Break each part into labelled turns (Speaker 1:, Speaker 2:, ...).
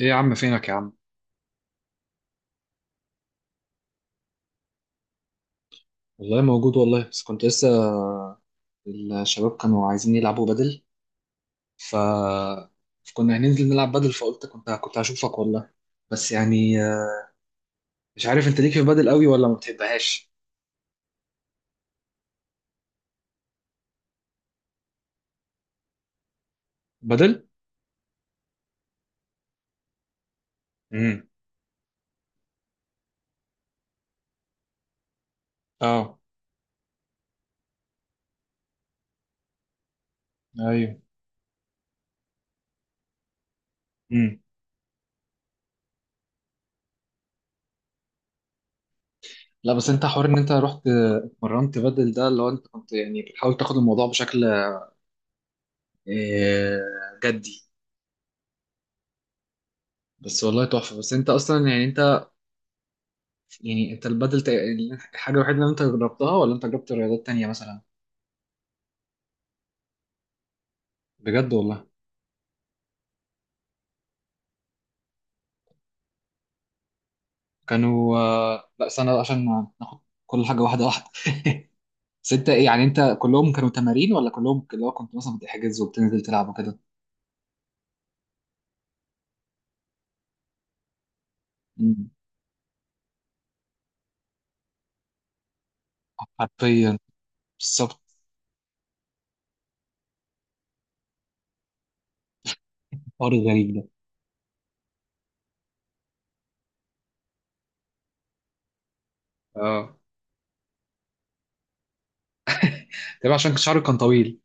Speaker 1: ايه يا عم فينك يا عم. والله موجود والله بس كنت لسه الشباب كانوا عايزين يلعبوا بدل. ف كنا هننزل نلعب بدل، فقلت كنت هشوفك والله، بس يعني مش عارف انت ليك في بدل قوي ولا ما بتحبهاش. بدل. امم. اه. ايوه. امم. لا بس انت حوار ان انت رحت، اتمرنت بدل، ده اللي هو انت كنت يعني بتحاول تاخد الموضوع بشكل آه، جدي. بس والله تحفة. بس انت اصلا يعني انت يعني انت البدل الحاجة الوحيدة اللي انت جربتها، ولا انت جربت رياضات تانية مثلا؟ بجد والله. كانوا لا سنة، عشان ناخد كل حاجة واحدة واحدة بس انت ايه يعني، انت كلهم كانوا تمارين، ولا كلهم اللي هو كنت مثلا بتحجز وبتنزل تلعب وكده؟ مم. حرفيا. بالظبط. الحوار الغريب ده. اه تمام، عشان شعرك كان طويل.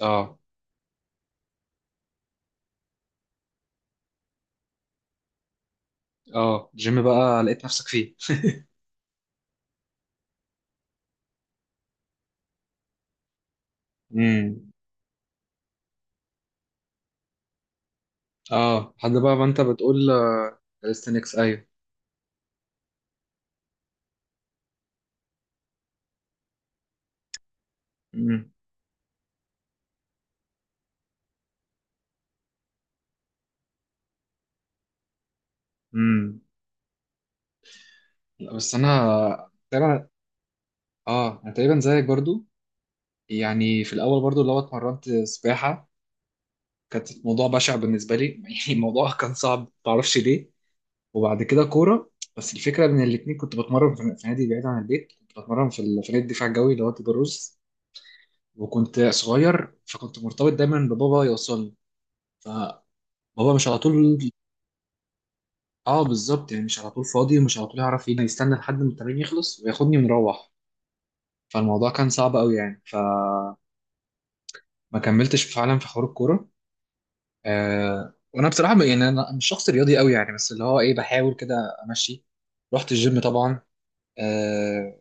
Speaker 1: اه. اه الجيم بقى لقيت نفسك فيه. امم. اه لحد بقى ما انت بتقول كاليستنكس، ايوه. امم. امم. لا بس انا تقريبا. اه انا تقريبا زيك برضو، يعني في الاول برضو اللي هو اتمرنت سباحة. كانت الموضوع بشع بالنسبه لي يعني الموضوع كان صعب، ما اعرفش ليه. وبعد كده كوره. بس الفكره ان الاثنين كنت بتمرن في نادي بعيد عن البيت، كنت بتمرن في في نادي الدفاع الجوي اللي هو تبروز. وكنت صغير فكنت مرتبط دايما ببابا يوصلني، فبابا مش على طول. اه بالظبط، يعني مش على طول فاضي ومش على طول يعرف ينا يستنى لحد ما التمرين يخلص وياخدني ونروح. فالموضوع كان صعب قوي، يعني كملتش فعلا في حوار الكوره. آه وانا بصراحه يعني انا مش شخص رياضي قوي يعني، بس اللي هو ايه بحاول كده امشي. رحت الجيم طبعا، آه،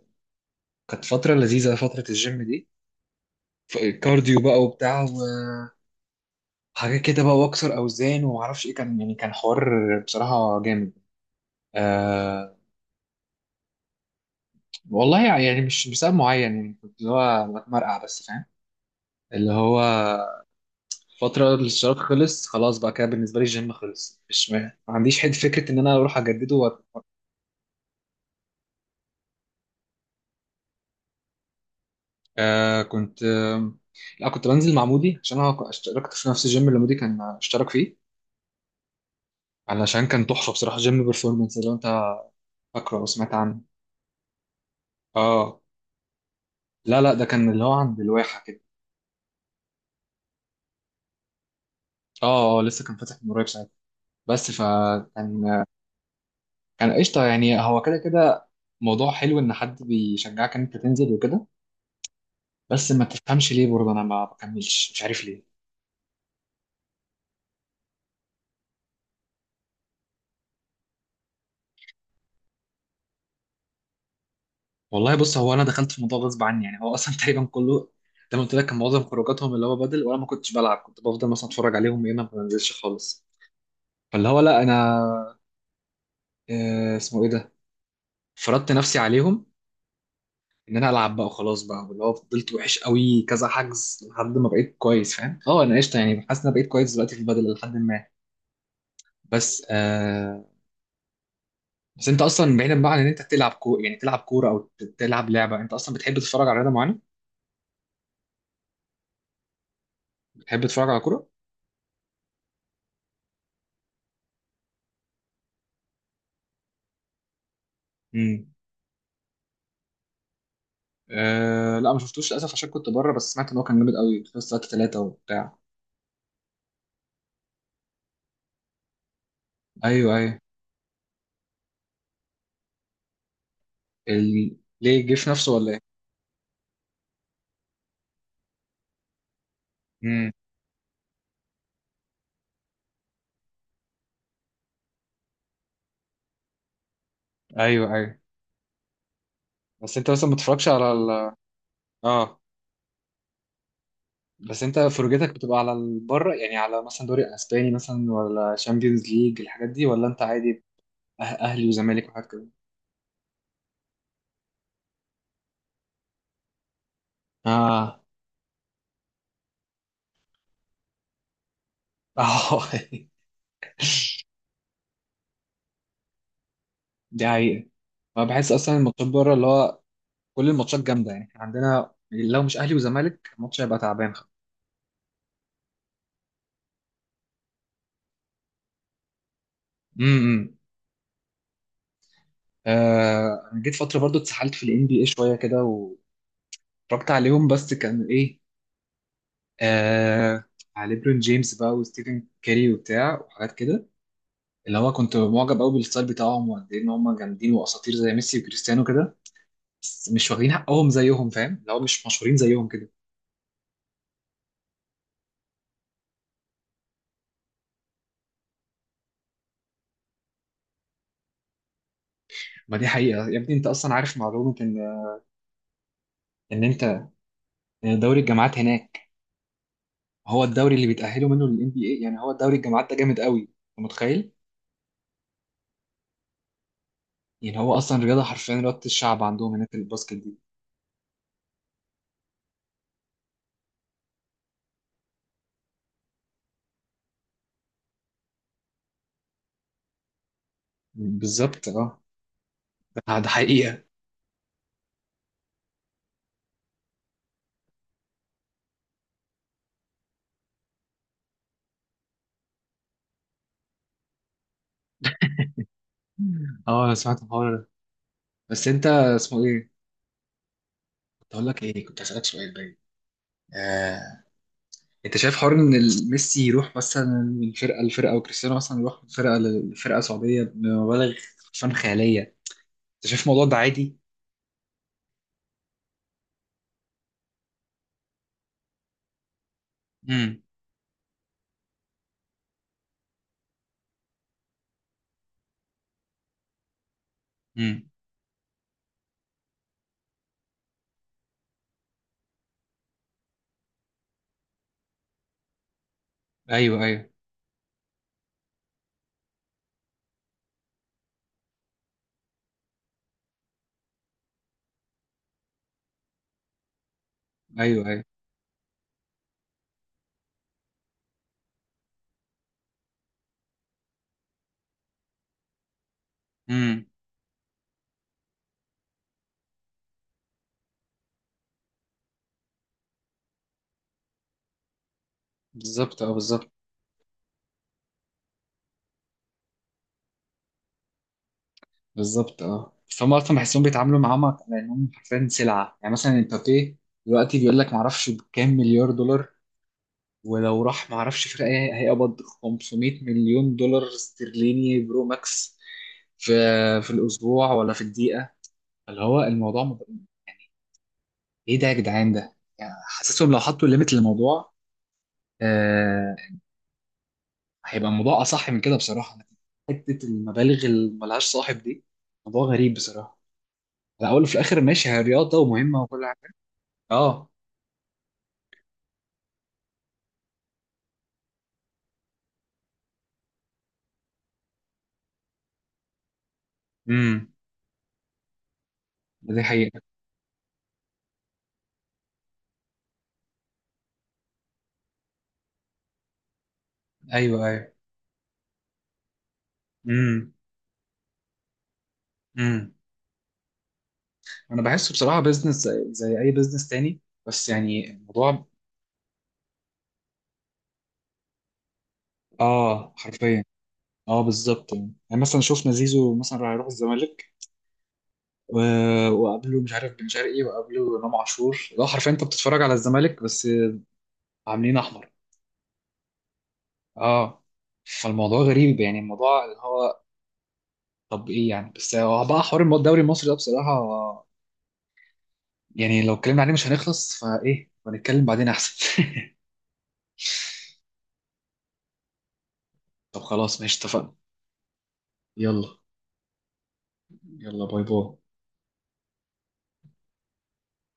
Speaker 1: كانت فتره لذيذه فتره الجيم دي. كارديو بقى وبتاع وحاجات كده بقى، واكسر اوزان وما اعرفش ايه، كان يعني كان حوار بصراحه جامد. آه. والله يعني مش بسبب معين، يعني كنت اللي هو بتمرقع بس فاهم اللي هو. فترة الاشتراك خلاص بقى، كده بالنسبة لي الجيم خلص، مش ما ما عنديش حد فكرة إن أنا أروح أجدده. آه كنت آه لا كنت بنزل مع مودي، عشان انا اشتركت في نفس الجيم اللي مودي كان اشترك فيه. علشان كان تحفه بصراحه جيم بيرفورمانس، لو انت فاكره او سمعت عنه. اه. لا ده كان اللي هو عند الواحه كده. اه اه لسه كان فاتح من قريب ساعتها. بس فكان، كان قشطه يعني. هو كده كده موضوع حلو ان حد بيشجعك ان انت تنزل وكده. بس ما تفهمش ليه برضه انا ما بكملش، مش عارف ليه. والله بص، هو انا دخلت في الموضوع غصب عني يعني، هو اصلا تقريبا كله زي ما قلت لك، كان معظم خروجاتهم اللي هو بدل، وانا ما كنتش بلعب، كنت بفضل مثلا اتفرج عليهم ايه، ما بنزلش خالص. فاللي هو لا انا، آه اسمه ايه ده، فرضت نفسي عليهم ان انا العب بقى وخلاص بقى، واللي هو فضلت وحش قوي كذا حجز لحد ما بقيت كويس فاهم. اه انا قشطه يعني، حاسس ان انا بقيت كويس دلوقتي في البدل لحد ما، بس آه. بس انت اصلا بعيدا بقى عن ان انت تلعب كوره، يعني تلعب كوره او تلعب لعبه، انت اصلا بتحب تتفرج على رياضه معينه؟ بتحب تتفرج على كوره. أه لا ما شفتوش للاسف عشان كنت بره، بس سمعت ان هو كان جامد قوي في ساعات ثلاثة وبتاع. ايوه ايوه. ليه الجيش نفسه ولا ايه؟ امم. ايوه ايوه. بس انت مثلا ما بتتفرجش على اه، بس انت فرجتك بتبقى على بره، يعني على مثلا دوري اسباني مثلا، ولا شامبيونز ليج الحاجات دي، ولا انت عادي اهلي وزمالك وحاجات كده؟ اه. اه. دي حقيقة. انا بحس اصلا الماتشات بره اللي هو كل الماتشات جامدة، يعني إحنا عندنا لو مش اهلي وزمالك الماتش هيبقى تعبان. امم. آه أنا جيت فترة برضو اتسحلت في ال NBA شوية كده واتفرجت عليهم، بس كان إيه، آه، على ليبرون جيمس بقى وستيفن كاري وبتاع وحاجات كده. اللي هو كنت معجب قوي بالستايل بتاعهم وقد إيه إن هم جامدين وأساطير زي ميسي وكريستيانو كده، بس مش واخدين حقهم زيهم فاهم، اللي هو مش مشهورين زيهم كده. ما دي حقيقة يا ابني. أنت أصلا عارف معلومة إن، إن أنت إن دوري الجامعات هناك هو الدوري اللي بيتأهلوا منه لل NBA؟ يعني هو دوري الجامعات ده جامد قوي، أنت متخيل؟ يعني هو أصلا رياضة، حرفيا رياضة الشعب عندهم هناك الباسكت. بالظبط اه. ده حقيقة. اه انا سمعت الحوار ده. بس انت اسمه ايه، كنت هقول لك ايه، كنت هسألك سؤال باين، آه. انت شايف حوار ان ميسي يروح مثلا من فرقة لفرقة، وكريستيانو مثلا يروح من فرقة لفرقة سعودية بمبالغ فن خيالية، انت شايف الموضوع ده عادي؟ امم. امم. ايوه ايوه. ايوه ايوه. امم. بالظبط اه. بالظبط. بالظبط اه. فهم اصلا بحسهم بيتعاملوا معاهم على انهم حرفيا سلعة، يعني مثلا امبابي دلوقتي بيقول لك معرفش بكام مليار دولار، ولو راح ما اعرفش فرقه إيه هيقبض 500 مليون دولار استرليني برو ماكس في في الاسبوع ولا في الدقيقه، اللي هو الموضوع ايه ده يا جدعان؟ ده يعني حاسسهم لو حطوا ليميت للموضوع آه... هيبقى الموضوع اصح من كده بصراحه. حته المبالغ اللي ملهاش صاحب دي موضوع غريب بصراحه، على الاول وفي الاخر ماشي، هي رياضه ومهمه وكل حاجه. اه. امم. دي حقيقه. ايوه ايوه. امم. امم. انا بحسه بصراحه بيزنس زي اي بيزنس تاني، بس يعني الموضوع. اه حرفيا. اه بالظبط، يعني مثلا شفنا زيزو مثلا راح يروح الزمالك، و... وقبله مش عارف بن شرقي، وقبله امام عاشور، لو حرفيا انت بتتفرج على الزمالك بس عاملين احمر. اه. فالموضوع غريب يعني، الموضوع اللي هو، طب ايه يعني، بس هو بقى حوار الدوري المصري ده بصراحه يعني لو اتكلمنا عليه مش هنخلص، فايه هنتكلم بعدين احسن. طب خلاص ماشي اتفقنا. يلا. يلا باي باي.